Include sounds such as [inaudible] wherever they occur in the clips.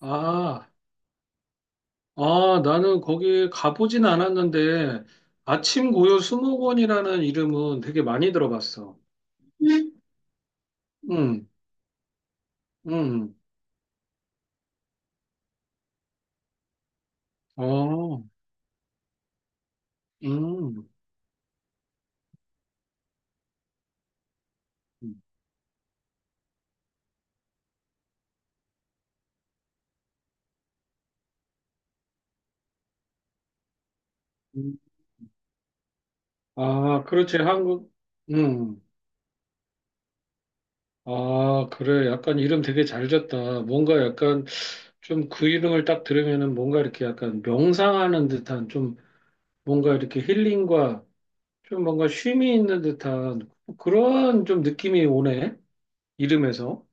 아, 아, 나는 거기 가보진 않았는데, 아침 고요 수목원이라는 이름은 되게 많이 들어봤어. 응. 응. 응. 어, 응. 아, 그렇지, 한국, 응. 아, 그래. 약간 이름 되게 잘 졌다. 뭔가 약간 좀 그 이름을 딱 들으면은 뭔가 이렇게 약간 명상하는 듯한 좀 뭔가 이렇게 힐링과 좀 뭔가 쉼이 있는 듯한 그런 좀 느낌이 오네. 이름에서.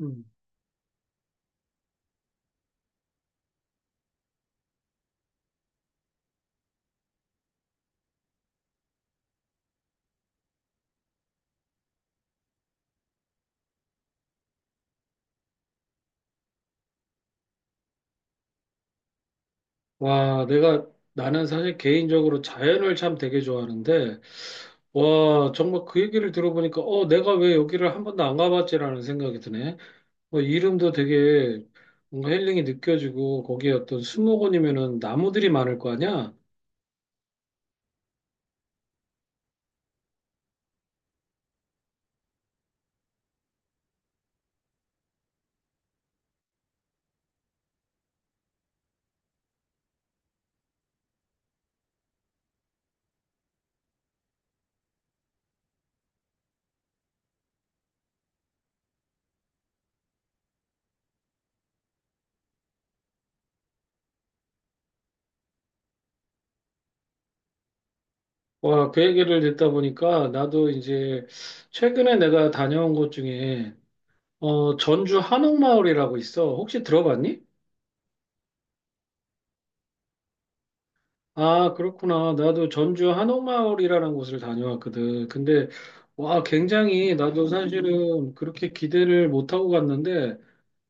음. 와, 내가, 나는 사실 개인적으로 자연을 참 되게 좋아하는데, 와, 정말 그 얘기를 들어보니까, 어, 내가 왜 여기를 한 번도 안 가봤지라는 생각이 드네. 뭐, 이름도 되게 뭔가 힐링이 느껴지고, 거기에 어떤 수목원이면은 나무들이 많을 거 아니야? 와, 그 얘기를 듣다 보니까, 나도 이제, 최근에 내가 다녀온 곳 중에, 어, 전주 한옥마을이라고 있어. 혹시 들어봤니? 아, 그렇구나. 나도 전주 한옥마을이라는 곳을 다녀왔거든. 근데, 와, 굉장히, 나도 사실은 그렇게 기대를 못하고 갔는데,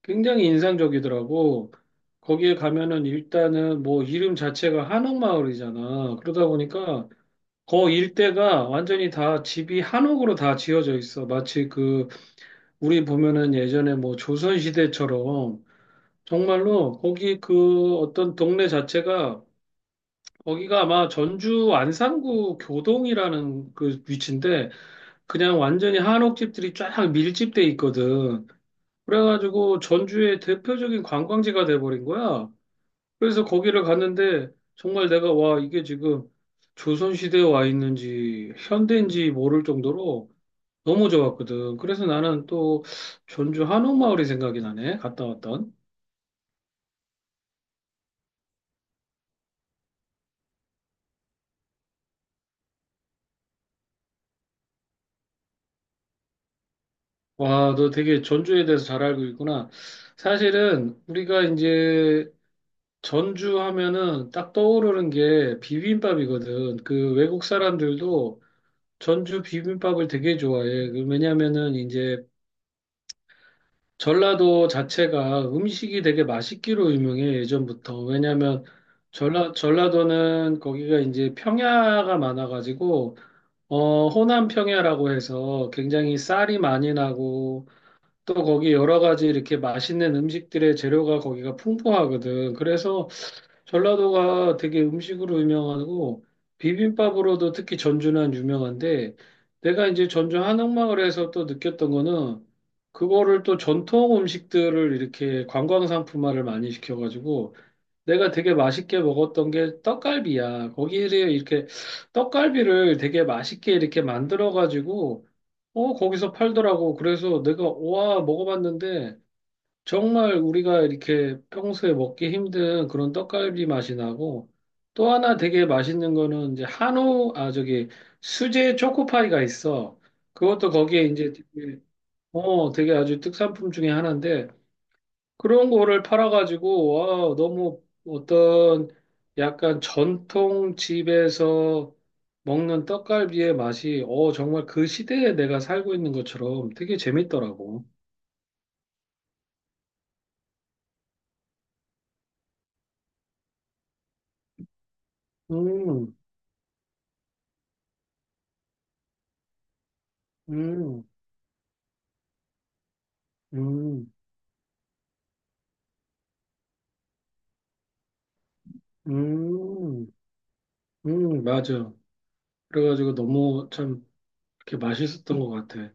굉장히 인상적이더라고. 거기에 가면은 일단은 뭐 이름 자체가 한옥마을이잖아. 그러다 보니까, 거 일대가 완전히 다 집이 한옥으로 다 지어져 있어. 마치 그, 우리 보면은 예전에 뭐 조선시대처럼, 정말로 거기 그 어떤 동네 자체가 거기가 아마 전주 안산구 교동이라는 그 위치인데 그냥 완전히 한옥집들이 쫙 밀집돼 있거든. 그래가지고 전주의 대표적인 관광지가 돼버린 거야. 그래서 거기를 갔는데 정말 내가 와 이게 지금 조선시대에 와 있는지 현대인지 모를 정도로 너무 좋았거든. 그래서 나는 또 전주 한옥마을이 생각이 나네. 갔다 왔던. 와, 너 되게 전주에 대해서 잘 알고 있구나. 사실은 우리가 이제 전주 하면은 딱 떠오르는 게 비빔밥이거든. 그 외국 사람들도 전주 비빔밥을 되게 좋아해. 그 왜냐면은 이제 전라도 자체가 음식이 되게 맛있기로 유명해, 예전부터. 왜냐면 전라도는 거기가 이제 평야가 많아가지고, 어, 호남 평야라고 해서 굉장히 쌀이 많이 나고, 또 거기 여러 가지 이렇게 맛있는 음식들의 재료가 거기가 풍부하거든. 그래서 전라도가 되게 음식으로 유명하고 비빔밥으로도 특히 전주는 유명한데 내가 이제 전주 한옥마을에서 또 느꼈던 거는 그거를 또 전통 음식들을 이렇게 관광 상품화를 많이 시켜가지고 내가 되게 맛있게 먹었던 게 떡갈비야. 거기를 이렇게 떡갈비를 되게 맛있게 이렇게 만들어가지고 어 거기서 팔더라고. 그래서 내가 와 먹어봤는데 정말 우리가 이렇게 평소에 먹기 힘든 그런 떡갈비 맛이 나고 또 하나 되게 맛있는 거는 이제 한우, 아, 저기 수제 초코파이가 있어. 그것도 거기에 이제 되게, 어, 되게 아주 특산품 중에 하나인데 그런 거를 팔아가지고 와, 너무 어떤 약간 전통 집에서 먹는 떡갈비의 맛이 어, 정말 그 시대에 내가 살고 있는 것처럼 되게 재밌더라고. 음. 음. 음. 음. 음. 맞아. 그래가지고 너무 참 이렇게 맛있었던 것 같아.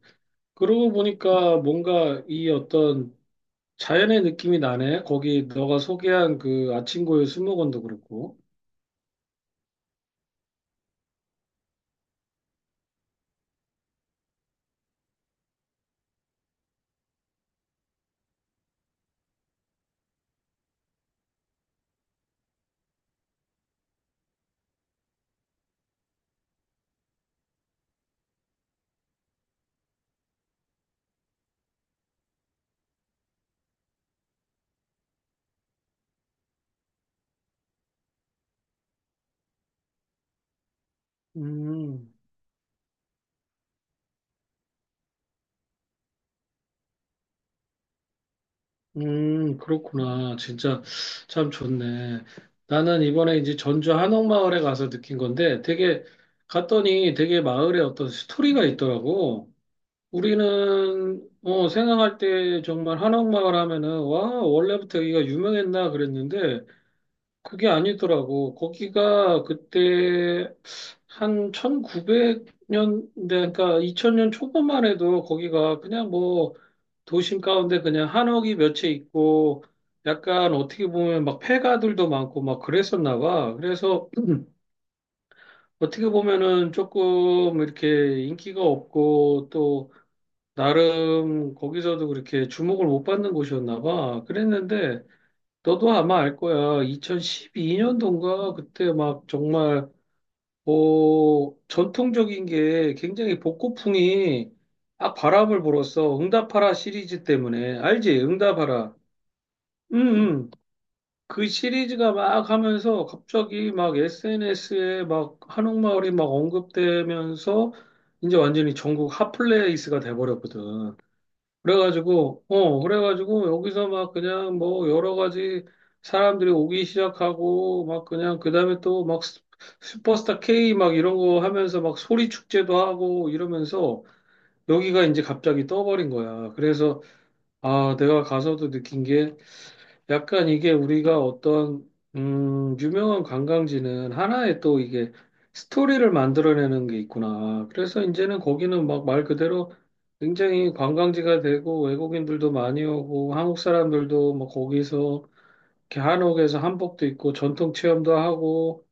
그러고 보니까 뭔가 이 어떤 자연의 느낌이 나네. 거기 너가 소개한 그 아침고요 수목원도 그렇고. 음. 그렇구나. 진짜 참 좋네. 나는 이번에 이제 전주 한옥마을에 가서 느낀 건데 되게 갔더니 되게 마을에 어떤 스토리가 있더라고. 우리는 어, 생각할 때 정말 한옥마을 하면은 와 원래부터 여기가 유명했나 그랬는데 그게 아니더라고. 거기가 그때 한 1900년대 그러니까 2000년 초반만 해도 거기가 그냥 뭐 도심 가운데 그냥 한옥이 몇 채 있고 약간 어떻게 보면 막 폐가들도 많고 막 그랬었나 봐. 그래서 [clears throat] 어떻게 보면은 조금 이렇게 인기가 없고 또 나름 거기서도 그렇게 주목을 못 받는 곳이었나 봐. 그랬는데 너도 아마 알 거야. 2012년도인가 그때 막 정말 어 전통적인 게 굉장히 복고풍이 아 바람을 불었어. 응답하라 시리즈 때문에 알지? 응답하라. 음. 음. 그 시리즈가 막 하면서 갑자기 막 SNS에 막 한옥마을이 막 언급되면서 이제 완전히 전국 핫플레이스가 돼버렸거든. 그래가지고, 어, 그래가지고, 여기서 막 그냥 뭐 여러 가지 사람들이 오기 시작하고, 막 그냥, 그 다음에 또 막 슈퍼스타 K 막 이런 거 하면서 막 소리 축제도 하고 이러면서 여기가 이제 갑자기 떠버린 거야. 그래서, 아, 내가 가서도 느낀 게, 약간 이게 우리가 어떤 유명한 관광지는 하나의 또 이게 스토리를 만들어내는 게 있구나. 그래서 이제는 거기는 막 말 그대로 굉장히 관광지가 되고 외국인들도 많이 오고 한국 사람들도 뭐 거기서 이렇게 한옥에서 한복도 입고 전통 체험도 하고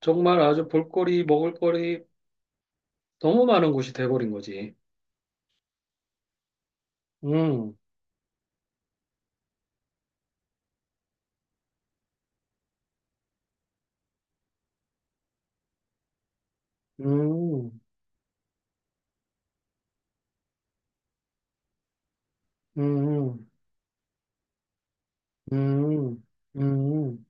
정말 아주 볼거리 먹을거리 너무 많은 곳이 돼버린 거지. 음. 음. 음. 음. 음. 음.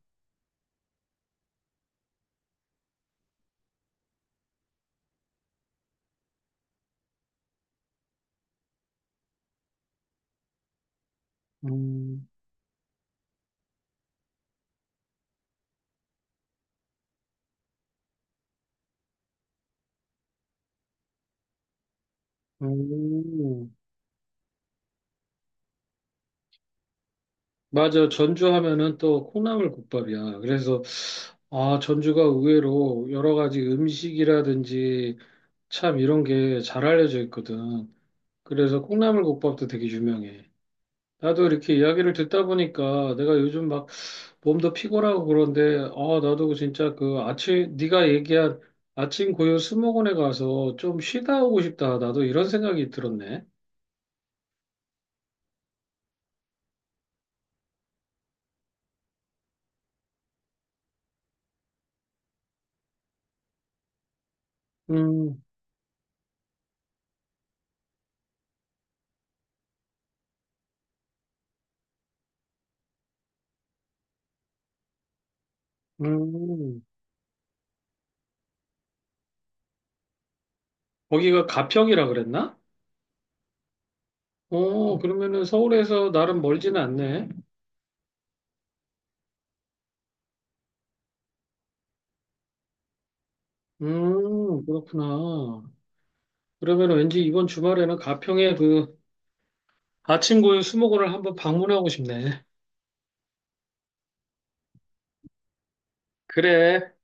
음. 음. 맞아. 전주 하면은 또 콩나물국밥이야. 그래서 아, 전주가 의외로 여러 가지 음식이라든지 참 이런 게 잘 알려져 있거든. 그래서 콩나물국밥도 되게 유명해. 나도 이렇게 이야기를 듣다 보니까 내가 요즘 막 몸도 피곤하고 그런데 아, 나도 진짜 그 아침 네가 얘기한 아침 고요 스모곤에 가서 좀 쉬다 오고 싶다. 나도 이런 생각이 들었네. 음. 음. 거기가 가평이라 그랬나? 오, 그러면은 서울에서 나름 멀지는 않네. 그렇구나. 그러면 왠지 이번 주말에는 가평의 그 아침고요 수목원을 한번 방문하고 싶네. 그래.